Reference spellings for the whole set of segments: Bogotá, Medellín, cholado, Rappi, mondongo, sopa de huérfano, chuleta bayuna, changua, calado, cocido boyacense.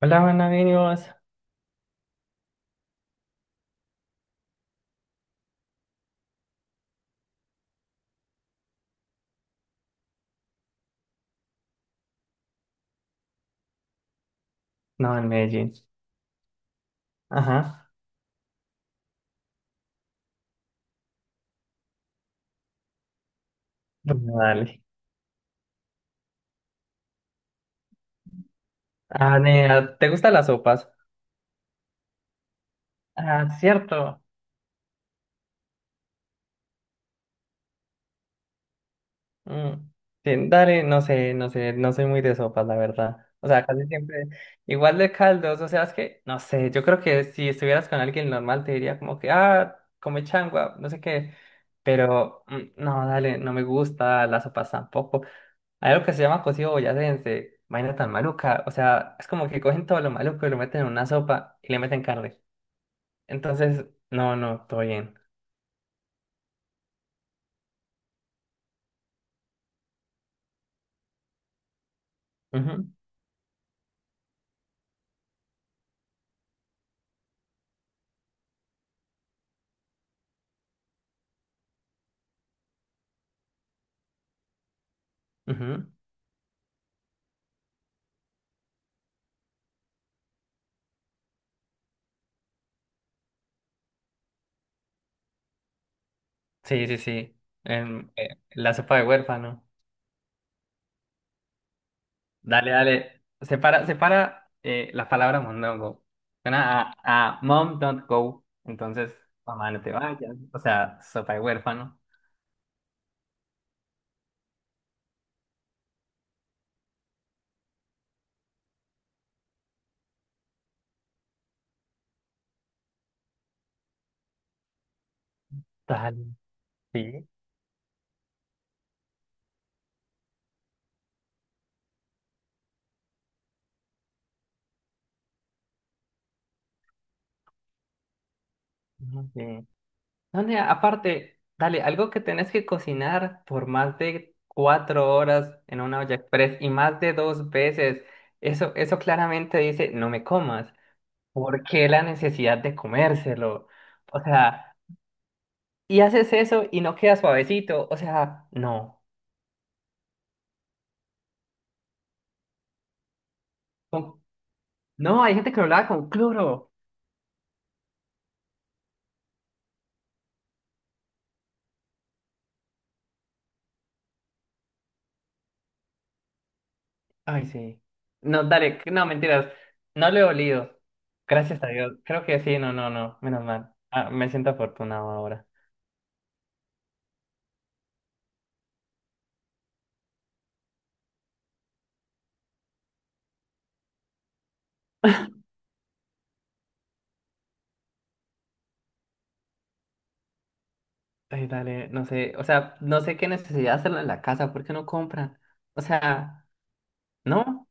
Hola, Juana, ¿bien y vos? No, en Medellín. Ajá. Bueno, dale. Ah, nena, ¿te gustan las sopas? Ah, cierto. Mm. Sí, dale, no sé, no soy muy de sopas, la verdad. O sea, casi siempre igual de caldos, o sea, es que, no sé, yo creo que si estuvieras con alguien normal te diría como que, ah, come changua, no sé qué, pero mm, no, dale, no me gusta, las sopas tampoco. Hay algo que se llama cocido boyacense, vaina tan maluca. O sea, es como que cogen todo lo maluco y lo meten en una sopa y le meten carne. Entonces, no, no, todo bien. Ujú, ujú. Sí, sí, sí. La sopa de huérfano. Dale, dale. Separa, separa la palabra mondongo. Suena a mom don't go. Entonces, mamá, no te vayas. O sea, sopa de huérfano. Dale. Sí. Ujú, sí. No, nea, aparte, dale, algo que tenés que cocinar por más de 4 horas en una olla express y más de 2 veces, eso claramente dice, no me comas. ¿Por qué la necesidad de comérselo? O sea, y haces eso y no queda suavecito. O sea, no. Con- No, hay gente que lo lava con cloro. Ay, sí. No, dale, no, mentiras. No le he olido. Gracias a Dios. Creo que sí, no, no, no. Menos mal. Ah, me siento afortunado ahora. Ay, dale, no sé, o sea, no sé qué necesidad hacerlo en la casa, ¿por qué no compran? O sea, ¿no?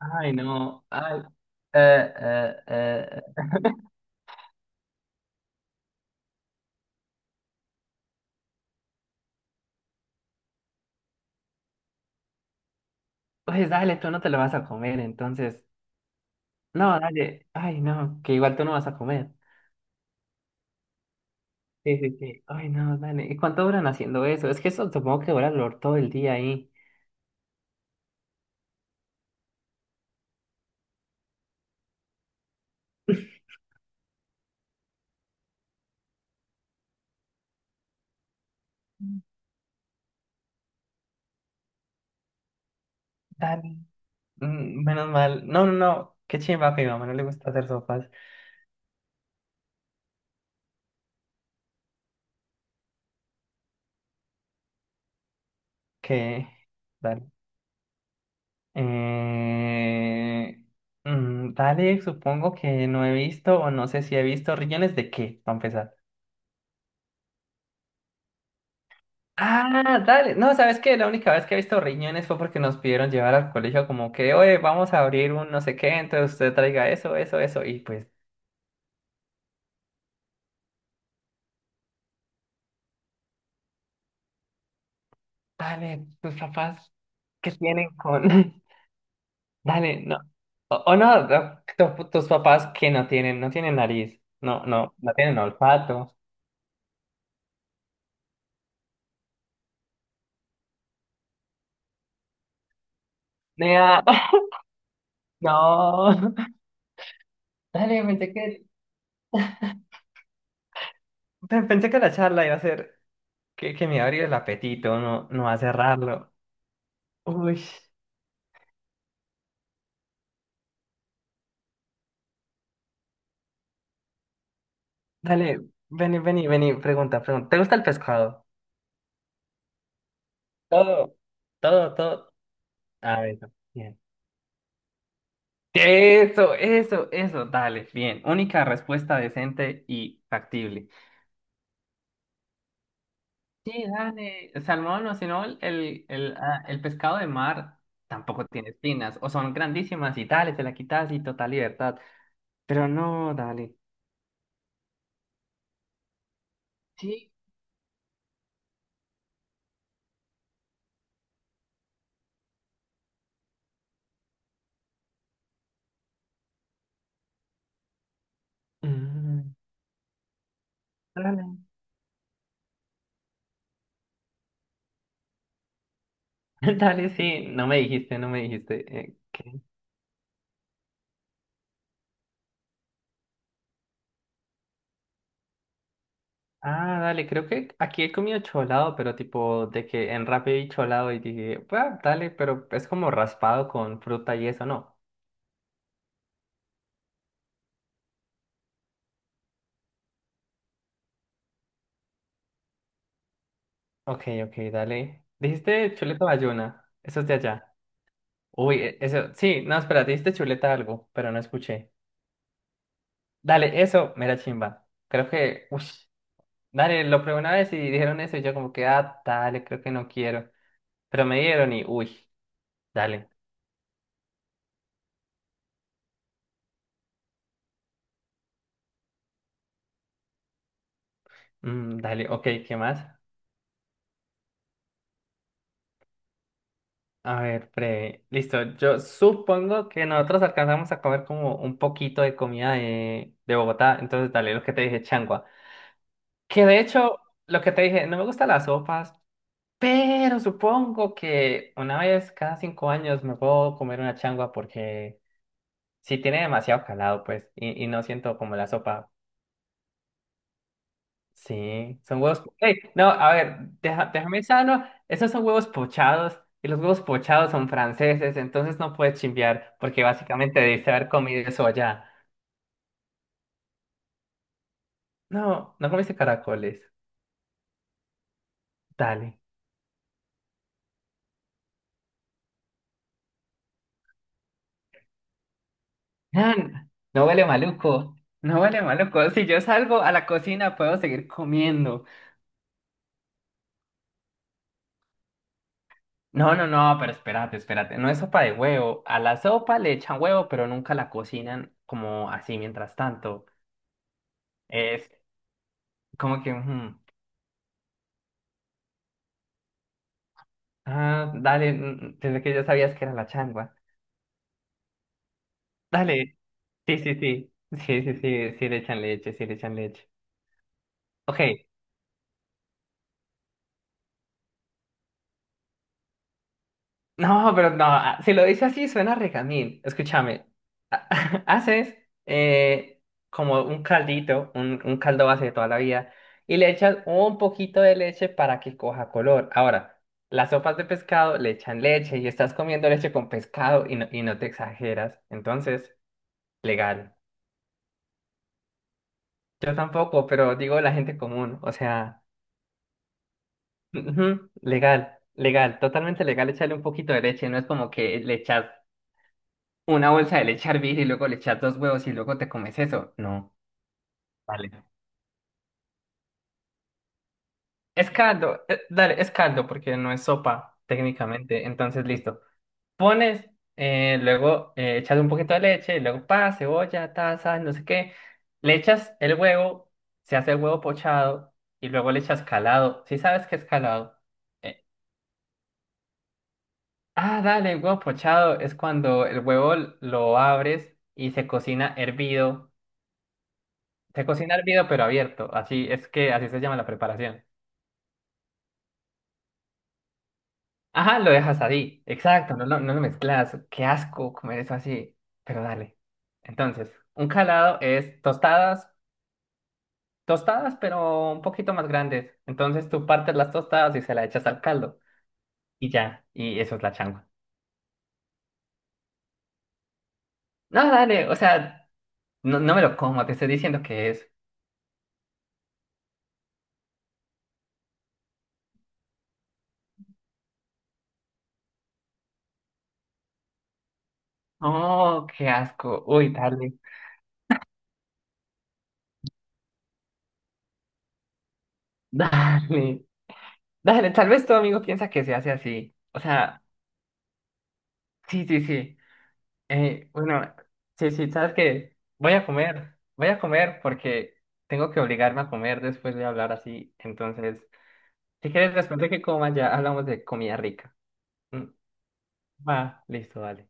Ay, no, ay, eh, eh, eh, pues dale, tú no te lo vas a comer, entonces, no, dale, ay, no, que igual tú no vas a comer. Sí, sí, sí, ay, no, dale, ¿y cuánto duran haciendo eso? Es que eso supongo que dura todo el día ahí. Mm. Dale, menos mal, no, no, no, qué chimba que a mi mamá no le gusta hacer sopas, que, dale. Eh, Dalek, supongo que no he visto o no sé si he visto riñones de qué, para empezar. Ah, dale. No, ¿sabes qué? La única vez que he visto riñones fue porque nos pidieron llevar al colegio como que, oye, vamos a abrir un no sé qué, entonces usted traiga eso, eso, eso. Y pues, dale, tus papás, ¿qué tienen con...? Dale, no. O no, no, tus papás que no tienen nariz, no, no, no tienen olfato. Nea, No. Dale, Pensé que la charla iba a ser que me iba a abrir el apetito, no, no a cerrarlo. Uy, dale, vení, vení, vení, pregunta, pregunta. ¿Te gusta el pescado? Todo, todo, todo. A ver, bien. Eso, dale, bien. Única respuesta decente y factible. Sí, dale, salmón o si no, el pescado de mar tampoco tiene espinas, o son grandísimas y dale, te la quitas y total libertad. Pero no, dale. Sí. Mm, dale, Dale, sí, no me dijiste, no me dijiste. ¿Qué? Ah, dale, creo que aquí he comido cholado, pero tipo de que en Rappi vi cholado y dije, "Bah, dale, pero es como raspado con fruta y eso, ¿no? Ok, ok, dale. Dijiste chuleta bayuna, eso es de allá. Uy, eso, sí, no, espera, dijiste chuleta algo, pero no escuché. Dale, eso, mera chimba. Creo que, uff, dale, lo probé una vez y dijeron eso y yo como que, ah, dale, creo que no quiero. Pero me dieron y, uy, dale, dale, ok, ¿qué más? A ver, listo. Yo supongo que nosotros alcanzamos a comer como un poquito de comida de Bogotá, entonces dale lo que te dije, changua. Que de hecho, lo que te dije, no me gustan las sopas, pero supongo que una vez cada 5 años me puedo comer una changua porque si tiene demasiado calado, pues, y no siento como la sopa. Sí, son huevos. ¡Ey! No, a ver, déjame sano. Esos son huevos pochados y los huevos pochados son franceses, entonces no puedes chimbear porque básicamente debiste haber comido eso allá. No, no comiste caracoles. Dale. Man, no huele maluco. No huele maluco. Si yo salgo a la cocina puedo seguir comiendo. No, no, no, pero espérate, espérate. No es sopa de huevo. A la sopa le echan huevo, pero nunca la cocinan como así mientras tanto. Es como que... ujú. Ah, dale, pensé que ya sabías que era la changua. Dale. Sí, sí, sí. Sí, sí, sí, sí le echan leche, sí le echan leche. Ok. No, pero no, ah, si lo dice así suena regamín. Escúchame. Ha- Haces eh, como un caldito, un caldo base de toda la vida, y le echas un poquito de leche para que coja color. Ahora, las sopas de pescado le echan leche y estás comiendo leche con pescado y no te exageras. Entonces, legal. Yo tampoco, pero digo la gente común, o sea, ujú, legal, legal, totalmente legal echarle un poquito de leche, no es como que le echas una bolsa de leche hervir y luego le echas dos huevos y luego te comes eso, no. Vale. Es caldo, dale, es caldo porque no es sopa técnicamente, entonces listo. Pones, luego echas un poquito de leche, luego pa, cebolla, taza, no sé qué, le echas el huevo, se hace el huevo pochado y luego le echas calado, si sabes que es calado? Eh, Ah, dale, huevo pochado es cuando el huevo lo abres y se cocina hervido. Se cocina hervido pero abierto, así es que así se llama la preparación. Ajá, lo dejas así, exacto, no lo mezclas. Qué asco comer eso así, pero dale. Entonces, un calado es tostadas, pero un poquito más grandes. Entonces tú partes las tostadas y se las echas al caldo y ya, y eso es la changua. No, dale, o sea, no, no me lo como, te estoy diciendo que es. Oh, qué asco. Uy, dale, dale, dale. Tal vez tu amigo piensa que se hace así. O sea, sí, sí, sí. Bueno, sí, sí, ¿sabes qué? Voy a comer porque tengo que obligarme a comer después de hablar así. Entonces, si quieres, después de que coma, ya hablamos de comida rica. Mm, va, listo, dale.